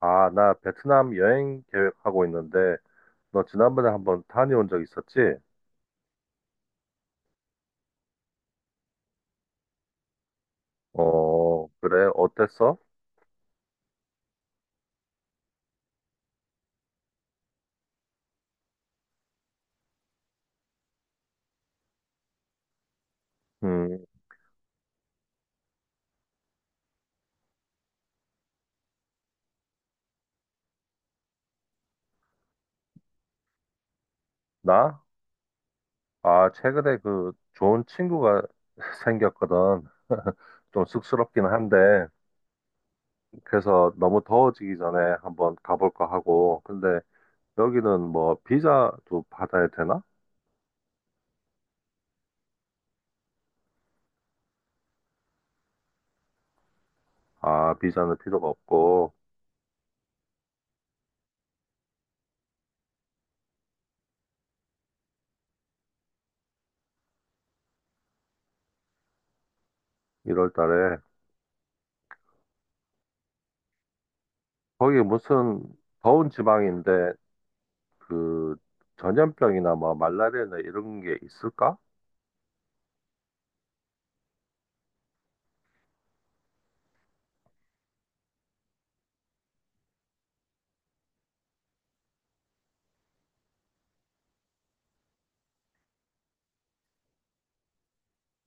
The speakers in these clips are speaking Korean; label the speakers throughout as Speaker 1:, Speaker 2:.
Speaker 1: 아, 나 베트남 여행 계획하고 있는데, 너 지난번에 한번 타니 온 적 있었지? 어, 그래, 어땠어? 음, 나? 아, 최근에 그 좋은 친구가 생겼거든. 좀 쑥스럽긴 한데, 그래서 너무 더워지기 전에 한번 가볼까 하고, 근데 여기는 뭐 비자도 받아야 되나? 아, 비자는 필요가 없고, 1월 달에. 거기 무슨 더운 지방인데, 그 전염병이나 뭐 말라리아나 이런 게 있을까?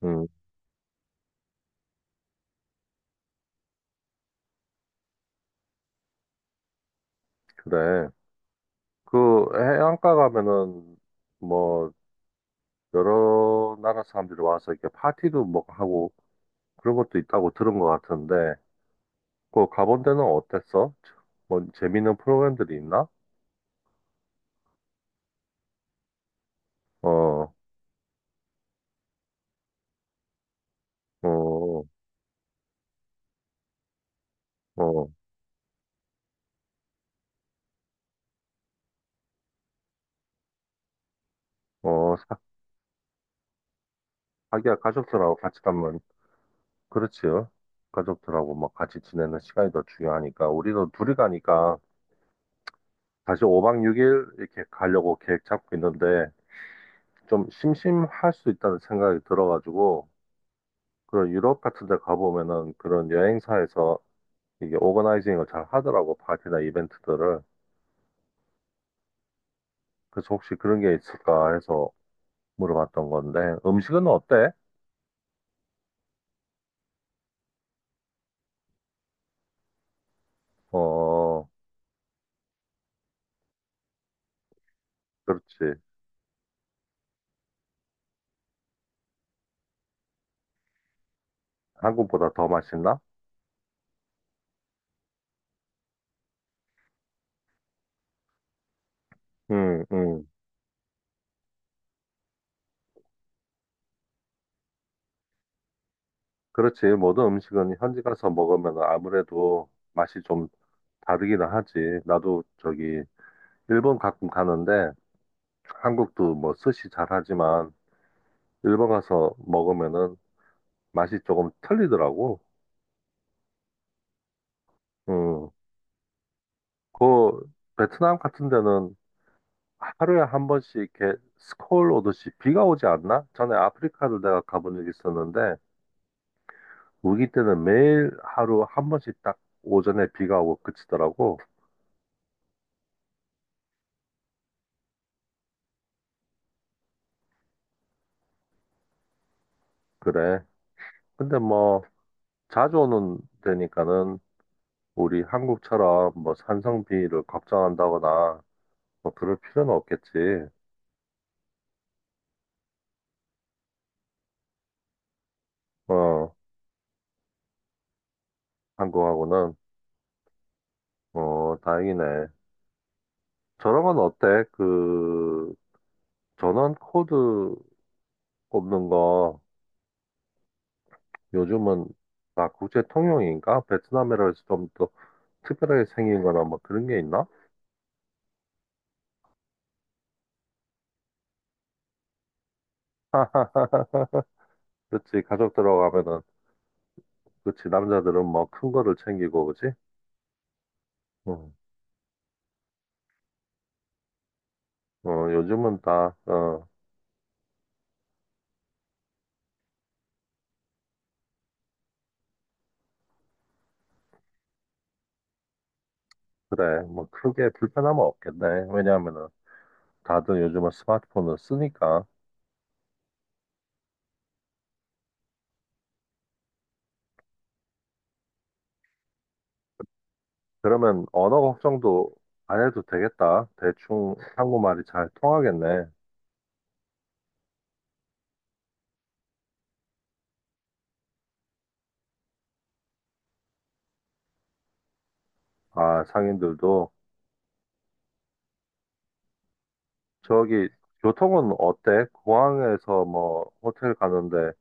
Speaker 1: 음, 그래. 그 해안가 가면은 뭐 여러 나라 사람들이 와서 이렇게 파티도 뭐 하고 그런 것도 있다고 들은 것 같은데 그 가본 데는 어땠어? 뭐 재밌는 프로그램들이 있나? 어, 어, 어, 어, 사- 자기야 가족들하고 같이 가면 그렇지. 요 가족들하고 막 같이 지내는 시간이 더 중요하니까 우리도 둘이 가니까 다시 5박 6일 이렇게 가려고 계획 잡고 있는데 좀 심심할 수 있다는 생각이 들어가지고 그런 유럽 같은 데 가보면은 그런 여행사에서 이게 오거나이징을 잘 하더라고 파티나 이벤트들을. 그래서 혹시 그런 게 있을까 해서 물어봤던 건데 음식은 어때? 어, 그렇지. 한국보다 더 맛있나? 응, 응. 그렇지, 모든 음식은 현지 가서 먹으면 아무래도 맛이 좀 다르기는 하지. 나도 저기 일본 가끔 가는데 한국도 뭐 스시 잘하지만 일본 가서 먹으면은 맛이 조금 틀리더라고. 음, 그 베트남 같은 데는 하루에 한 번씩 이렇게 스콜 오듯이 비가 오지 않나? 전에 아프리카를 내가 가본 적이 있었는데 우기 때는 매일 하루 한 번씩 딱 오전에 비가 오고 그치더라고. 그래. 근데 뭐 자주 오는 데니까는 우리 한국처럼 뭐 산성비를 걱정한다거나 뭐 그럴 필요는 없겠지. 어. 한국하고는 어, 다행이네. 저런 건 어때? 그, 전원 코드 꼽는 거 요즘은 막 국제 통용인가? 베트남이라 해서 좀 더 특별하게 생긴 거나 뭐 그런 게 있나? 그치, 가족 들어가면은, 그치, 남자들은 뭐 큰 거를 챙기고, 그치? 응. 어, 요즘은 다, 어, 그래. 뭐 크게 불편함은 없겠네. 왜냐하면은 다들 요즘은 스마트폰을 쓰니까. 그러면 언어 걱정도 안 해도 되겠다. 대충 한국말이 잘 통하겠네. 아, 상인들도. 저기, 교통은 어때? 공항에서 뭐, 호텔 가는데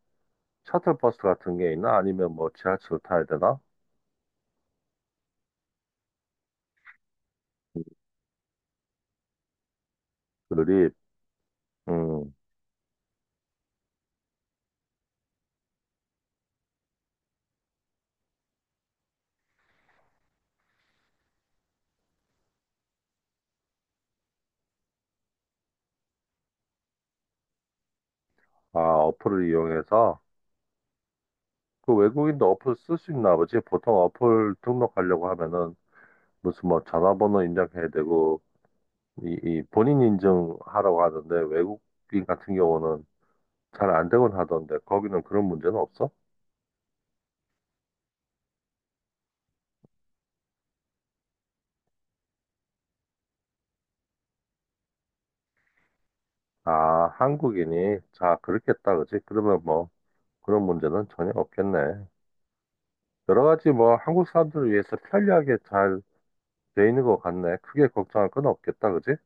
Speaker 1: 셔틀버스 같은 게 있나? 아니면 뭐, 지하철 타야 되나? 그들이, 음, 아, 어플을 이용해서, 그 외국인도 어플 쓸 수 있나 보지? 보통 어플 등록하려고 하면은, 무슨 뭐, 전화번호 입력해야 되고, 이 본인 인증하라고 하던데, 외국인 같은 경우는 잘 안 되곤 하던데, 거기는 그런 문제는 없어? 아, 한국인이, 자, 그렇겠다, 그지? 그러면 뭐, 그런 문제는 전혀 없겠네. 여러 가지 뭐 한국 사람들을 위해서 편리하게 잘 돼 있는 것 같네. 크게 걱정할 건 없겠다, 그지?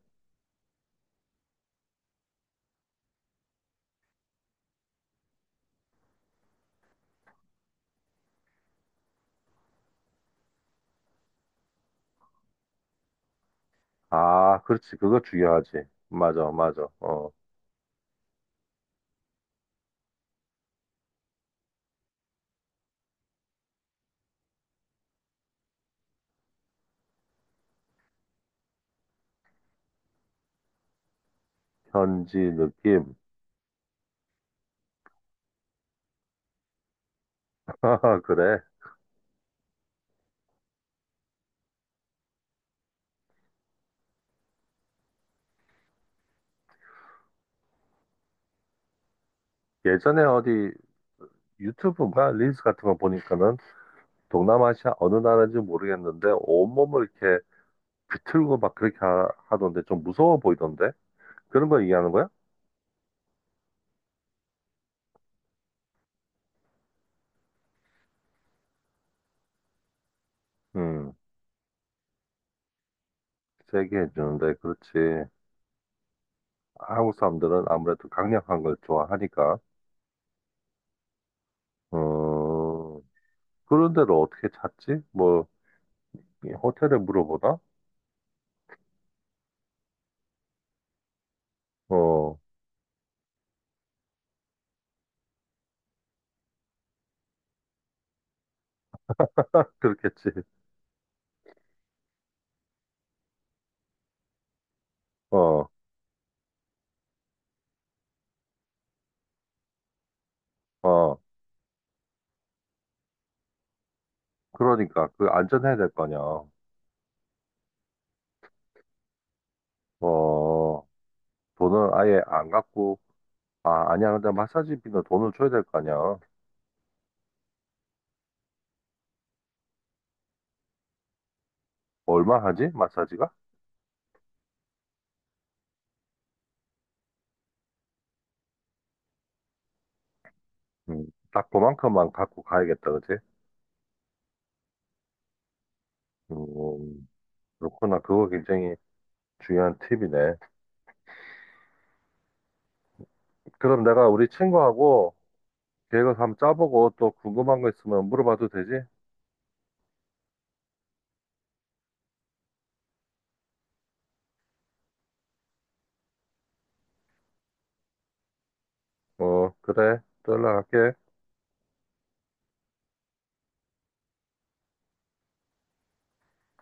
Speaker 1: 아, 그렇지. 그거 중요하지. 맞아, 맞아. 어, 현지 느낌. 그래. 예전에 어디 유튜브가 릴스 같은 거 보니까는 동남아시아 어느 나라인지 모르겠는데 온몸을 이렇게 비틀고 막 그렇게 하던데 좀 무서워 보이던데? 그런 거 얘기하는 거야? 음, 세게 해주는데, 그렇지. 한국 사람들은 아무래도 강력한 걸 좋아하니까. 어, 그런 데를 어떻게 찾지? 뭐, 이 호텔에 물어보나? 어, 그렇겠지. 어, 어, 그러니까 그 안전해야 될 거냐. 어, 돈을 아예 안 갖고, 아, 아니야. 근데 마사지비는 돈을 줘야 될 거 아니야. 얼마 하지? 마사지가? 음, 딱 그만큼만 갖고 가야겠다, 그치? 음, 그렇구나. 그거 굉장히 중요한 팁이네. 그럼 내가 우리 친구하고 계획을 한번 짜보고 또 궁금한 거 있으면 물어봐도 되지? 어, 그래. 또 연락할게.